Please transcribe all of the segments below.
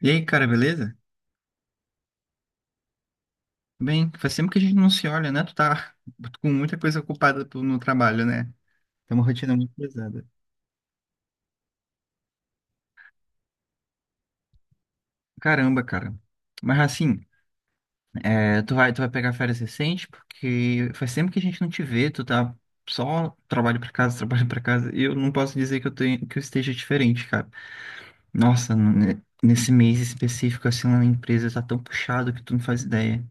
E aí, cara, beleza? Bem, faz tempo que a gente não se olha, né? Tu tá com muita coisa ocupada no trabalho, né? Tem uma rotina muito pesada. Caramba, cara. Mas assim, tu vai pegar férias recente, porque faz tempo que a gente não te vê, tu tá só trabalho pra casa, trabalho pra casa, e eu não posso dizer que que eu esteja diferente, cara. Nossa, nesse mês específico, assim, lá na empresa tá tão puxado que tu não faz ideia.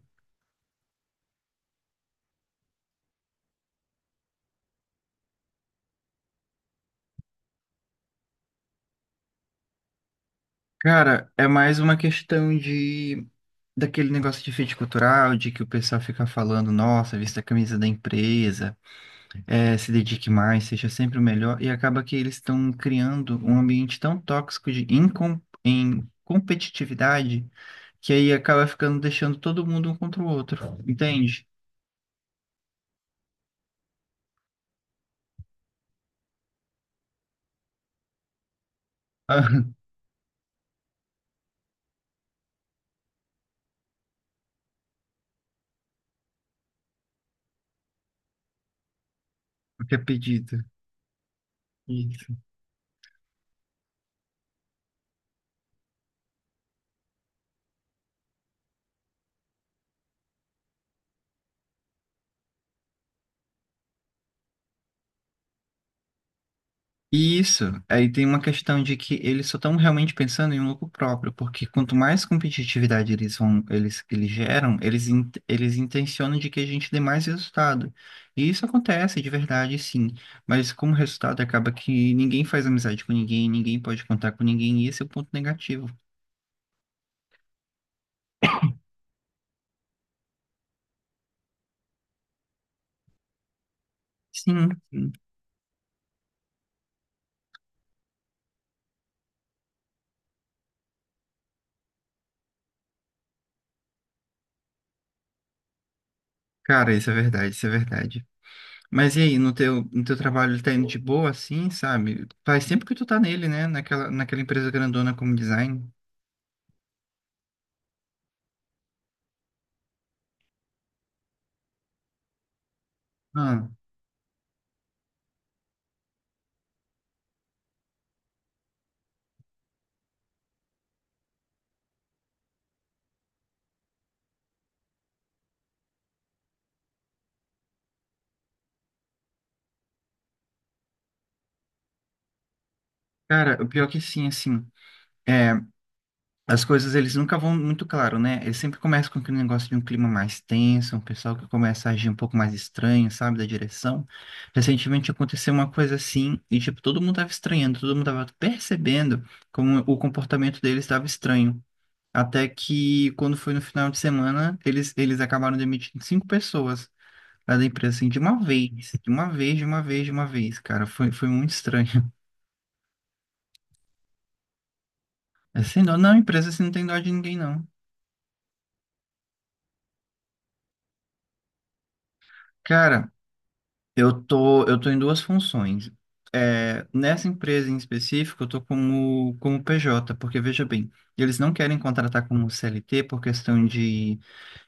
Cara, é mais uma questão de daquele negócio de fit cultural, de que o pessoal fica falando, nossa, vista a camisa da empresa, se dedique mais, seja sempre o melhor, e acaba que eles estão criando um ambiente tão tóxico de incom em competitividade, que aí acaba ficando deixando todo mundo um contra o outro, entende? o que é pedido. Isso, aí tem uma questão de que eles só estão realmente pensando em um lucro próprio, porque quanto mais competitividade eles geram, eles intencionam de que a gente dê mais resultado. E isso acontece de verdade, sim. Mas como resultado acaba que ninguém faz amizade com ninguém, ninguém pode contar com ninguém, e esse é o ponto negativo. Sim, sim. Cara, isso é verdade, isso é verdade. Mas e aí, no teu trabalho, ele tá indo de boa, assim, sabe? Faz tempo que tu tá nele, né? Naquela empresa grandona como design. Ah. Cara, o pior que sim, assim, é, as coisas eles nunca vão muito claro, né? Eles sempre começam com aquele negócio de um clima mais tenso, um pessoal que começa a agir um pouco mais estranho, sabe, da direção. Recentemente aconteceu uma coisa assim, e tipo, todo mundo tava estranhando, todo mundo tava percebendo como o comportamento deles estava estranho. Até que quando foi no final de semana, eles acabaram demitindo cinco pessoas lá da empresa, assim, de uma vez, de uma vez, de uma vez, de uma vez, cara. Foi, foi muito estranho. É, sem dó, não, empresa assim não tem dó de ninguém, não. Cara, eu tô em duas funções. É, nessa empresa em específico, eu tô como PJ, porque veja bem, eles não querem contratar como CLT por questão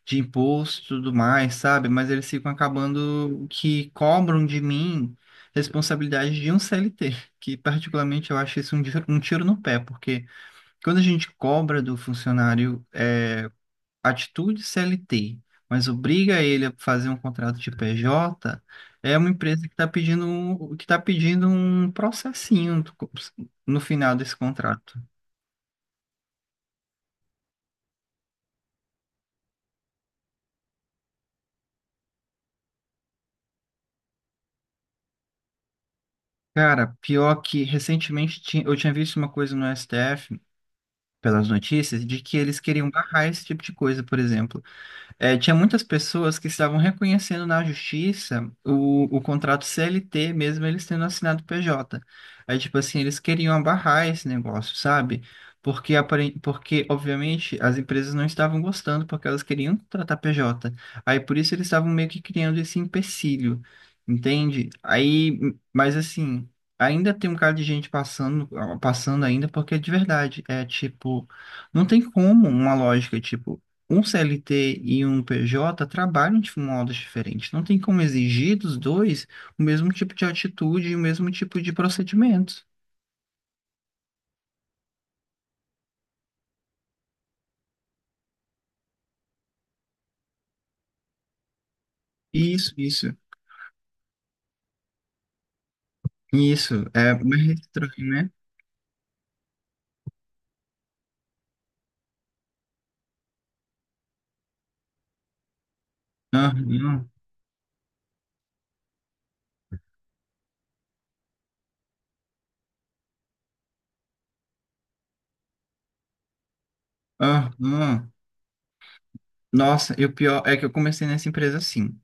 de imposto e tudo mais, sabe? Mas eles ficam acabando que cobram de mim responsabilidade de um CLT, que particularmente eu acho isso um tiro no pé, porque quando a gente cobra do funcionário, é, atitude CLT, mas obriga ele a fazer um contrato de PJ, é uma empresa que está que tá pedindo um processinho no final desse contrato. Cara, pior que recentemente eu tinha visto uma coisa no STF, pelas notícias, de que eles queriam barrar esse tipo de coisa, por exemplo. Tinha muitas pessoas que estavam reconhecendo na justiça o contrato CLT, mesmo eles tendo assinado PJ. Aí, tipo assim, eles queriam abarrar esse negócio, sabe? Porque, porque, obviamente, as empresas não estavam gostando, porque elas queriam contratar PJ. Aí, por isso, eles estavam meio que criando esse empecilho, entende? Aí, mas assim, ainda tem um cara de gente passando ainda, porque de verdade, é tipo. Não tem como uma lógica, tipo um CLT e um PJ trabalham de modos diferentes. Não tem como exigir dos dois o mesmo tipo de atitude e o mesmo tipo de procedimentos. Isso, isso, isso. É mais estranho, né? Aham, aham. Nossa, e o pior é que eu comecei nessa empresa assim.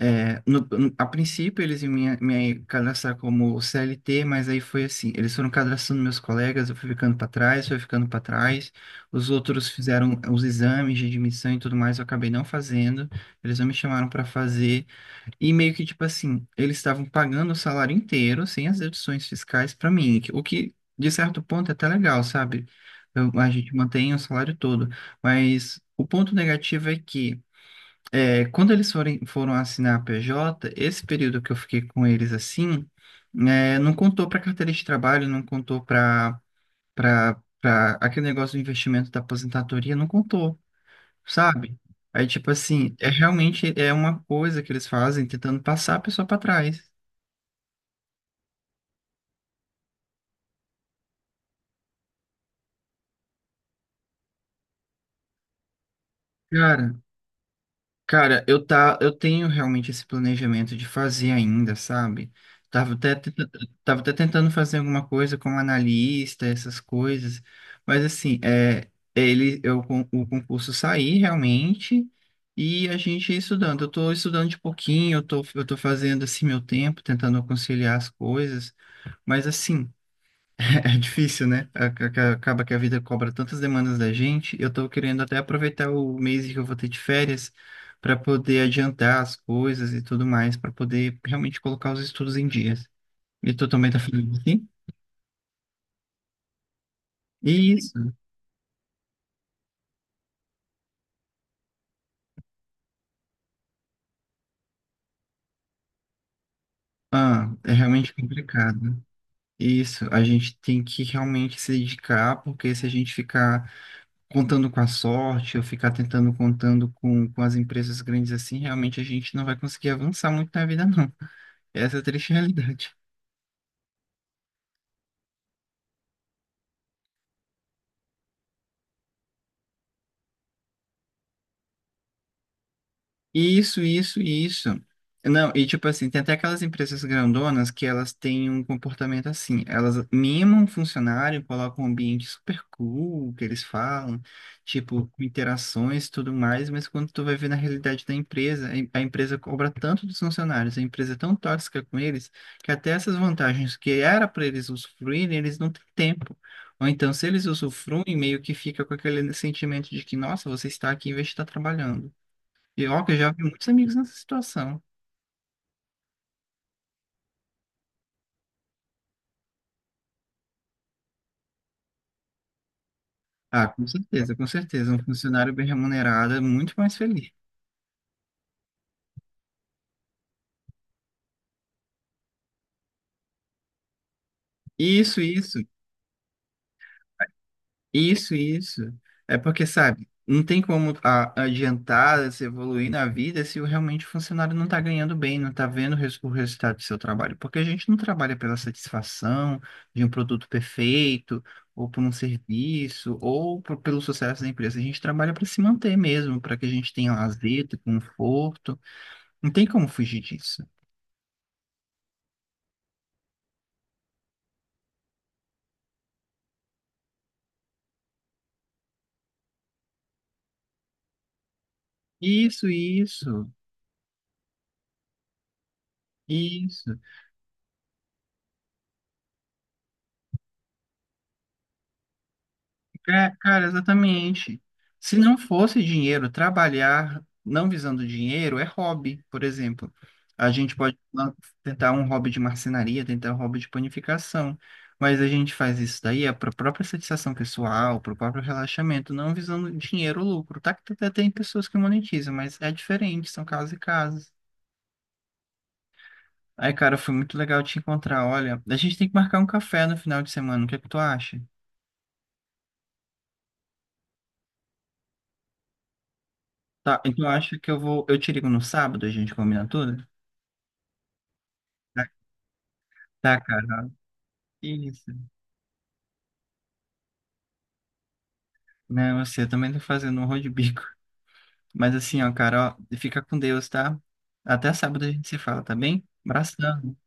É, a princípio eles iam me cadastrar como CLT, mas aí foi assim, eles foram cadastrando meus colegas, eu fui ficando para trás, fui ficando para trás, os outros fizeram os exames de admissão e tudo mais, eu acabei não fazendo, eles não me chamaram para fazer, e meio que tipo assim, eles estavam pagando o salário inteiro, sem as deduções fiscais para mim, o que de certo ponto é até legal, sabe? A gente mantém o salário todo, mas o ponto negativo é que é, foram assinar a PJ, esse período que eu fiquei com eles assim, né, não contou para carteira de trabalho, não contou para aquele negócio do investimento da aposentadoria, não contou, sabe? Aí, tipo assim, realmente é uma coisa que eles fazem tentando passar a pessoa para trás. Cara, Cara, eu tenho realmente esse planejamento de fazer ainda, sabe? Tava até, tenta- tava até tentando fazer alguma coisa como analista, essas coisas, mas assim, o concurso sair realmente e a gente ia estudando. Eu tô estudando de pouquinho, eu tô fazendo assim meu tempo, tentando conciliar as coisas, mas assim. É difícil, né? Acaba que a vida cobra tantas demandas da gente. Eu tô querendo até aproveitar o mês que eu vou ter de férias para poder adiantar as coisas e tudo mais, para poder realmente colocar os estudos em dias. E tu também tá falando assim? Isso. Ah, é realmente complicado. Isso, a gente tem que realmente se dedicar, porque se a gente ficar contando com a sorte ou ficar tentando contando com as empresas grandes assim, realmente a gente não vai conseguir avançar muito na vida, não. Essa é a triste realidade. Isso, isso, isso. Não, e tipo assim, tem até aquelas empresas grandonas que elas têm um comportamento assim, elas mimam o funcionário, colocam um ambiente super cool, que eles falam, tipo, com interações e tudo mais, mas quando tu vai ver na realidade da empresa, a empresa cobra tanto dos funcionários, a empresa é tão tóxica com eles, que até essas vantagens que era para eles usufruírem, eles não têm tempo. Ou então, se eles usufruem, meio que fica com aquele sentimento de que, nossa, você está aqui em vez de estar trabalhando. E ó, que eu já vi muitos amigos nessa situação. Ah, com certeza, com certeza. Um funcionário bem remunerado é muito mais feliz. Isso, isso, isso, isso. É porque, sabe, não tem como adiantar, se evoluir na vida se realmente o funcionário não está ganhando bem, não está vendo o resultado do seu trabalho. Porque a gente não trabalha pela satisfação de um produto perfeito, ou por um serviço, ou pelo sucesso da empresa. A gente trabalha para se manter mesmo, para que a gente tenha lazer, conforto. Não tem como fugir disso. Isso, isso, isso. Cara, exatamente. Se não fosse dinheiro, trabalhar não visando dinheiro é hobby, por exemplo. A gente pode lan- tentar um hobby de marcenaria, tentar um hobby de panificação, mas a gente faz isso daí é para a própria satisfação pessoal, para o próprio relaxamento, não visando dinheiro ou lucro. Tá que até tem pessoas que monetizam, mas é diferente, são casos e casos. Aí, cara, foi muito legal te encontrar. Olha, a gente tem que marcar um café no final de semana. O que é que tu acha? Tá, então eu acho que eu vou. Eu te ligo no sábado, a gente combina tudo? Tá, tá, cara. Isso. Né, você eu também tá fazendo um rol de bico. Mas assim, ó, carol fica com Deus, tá? Até sábado a gente se fala, tá bem? Abração.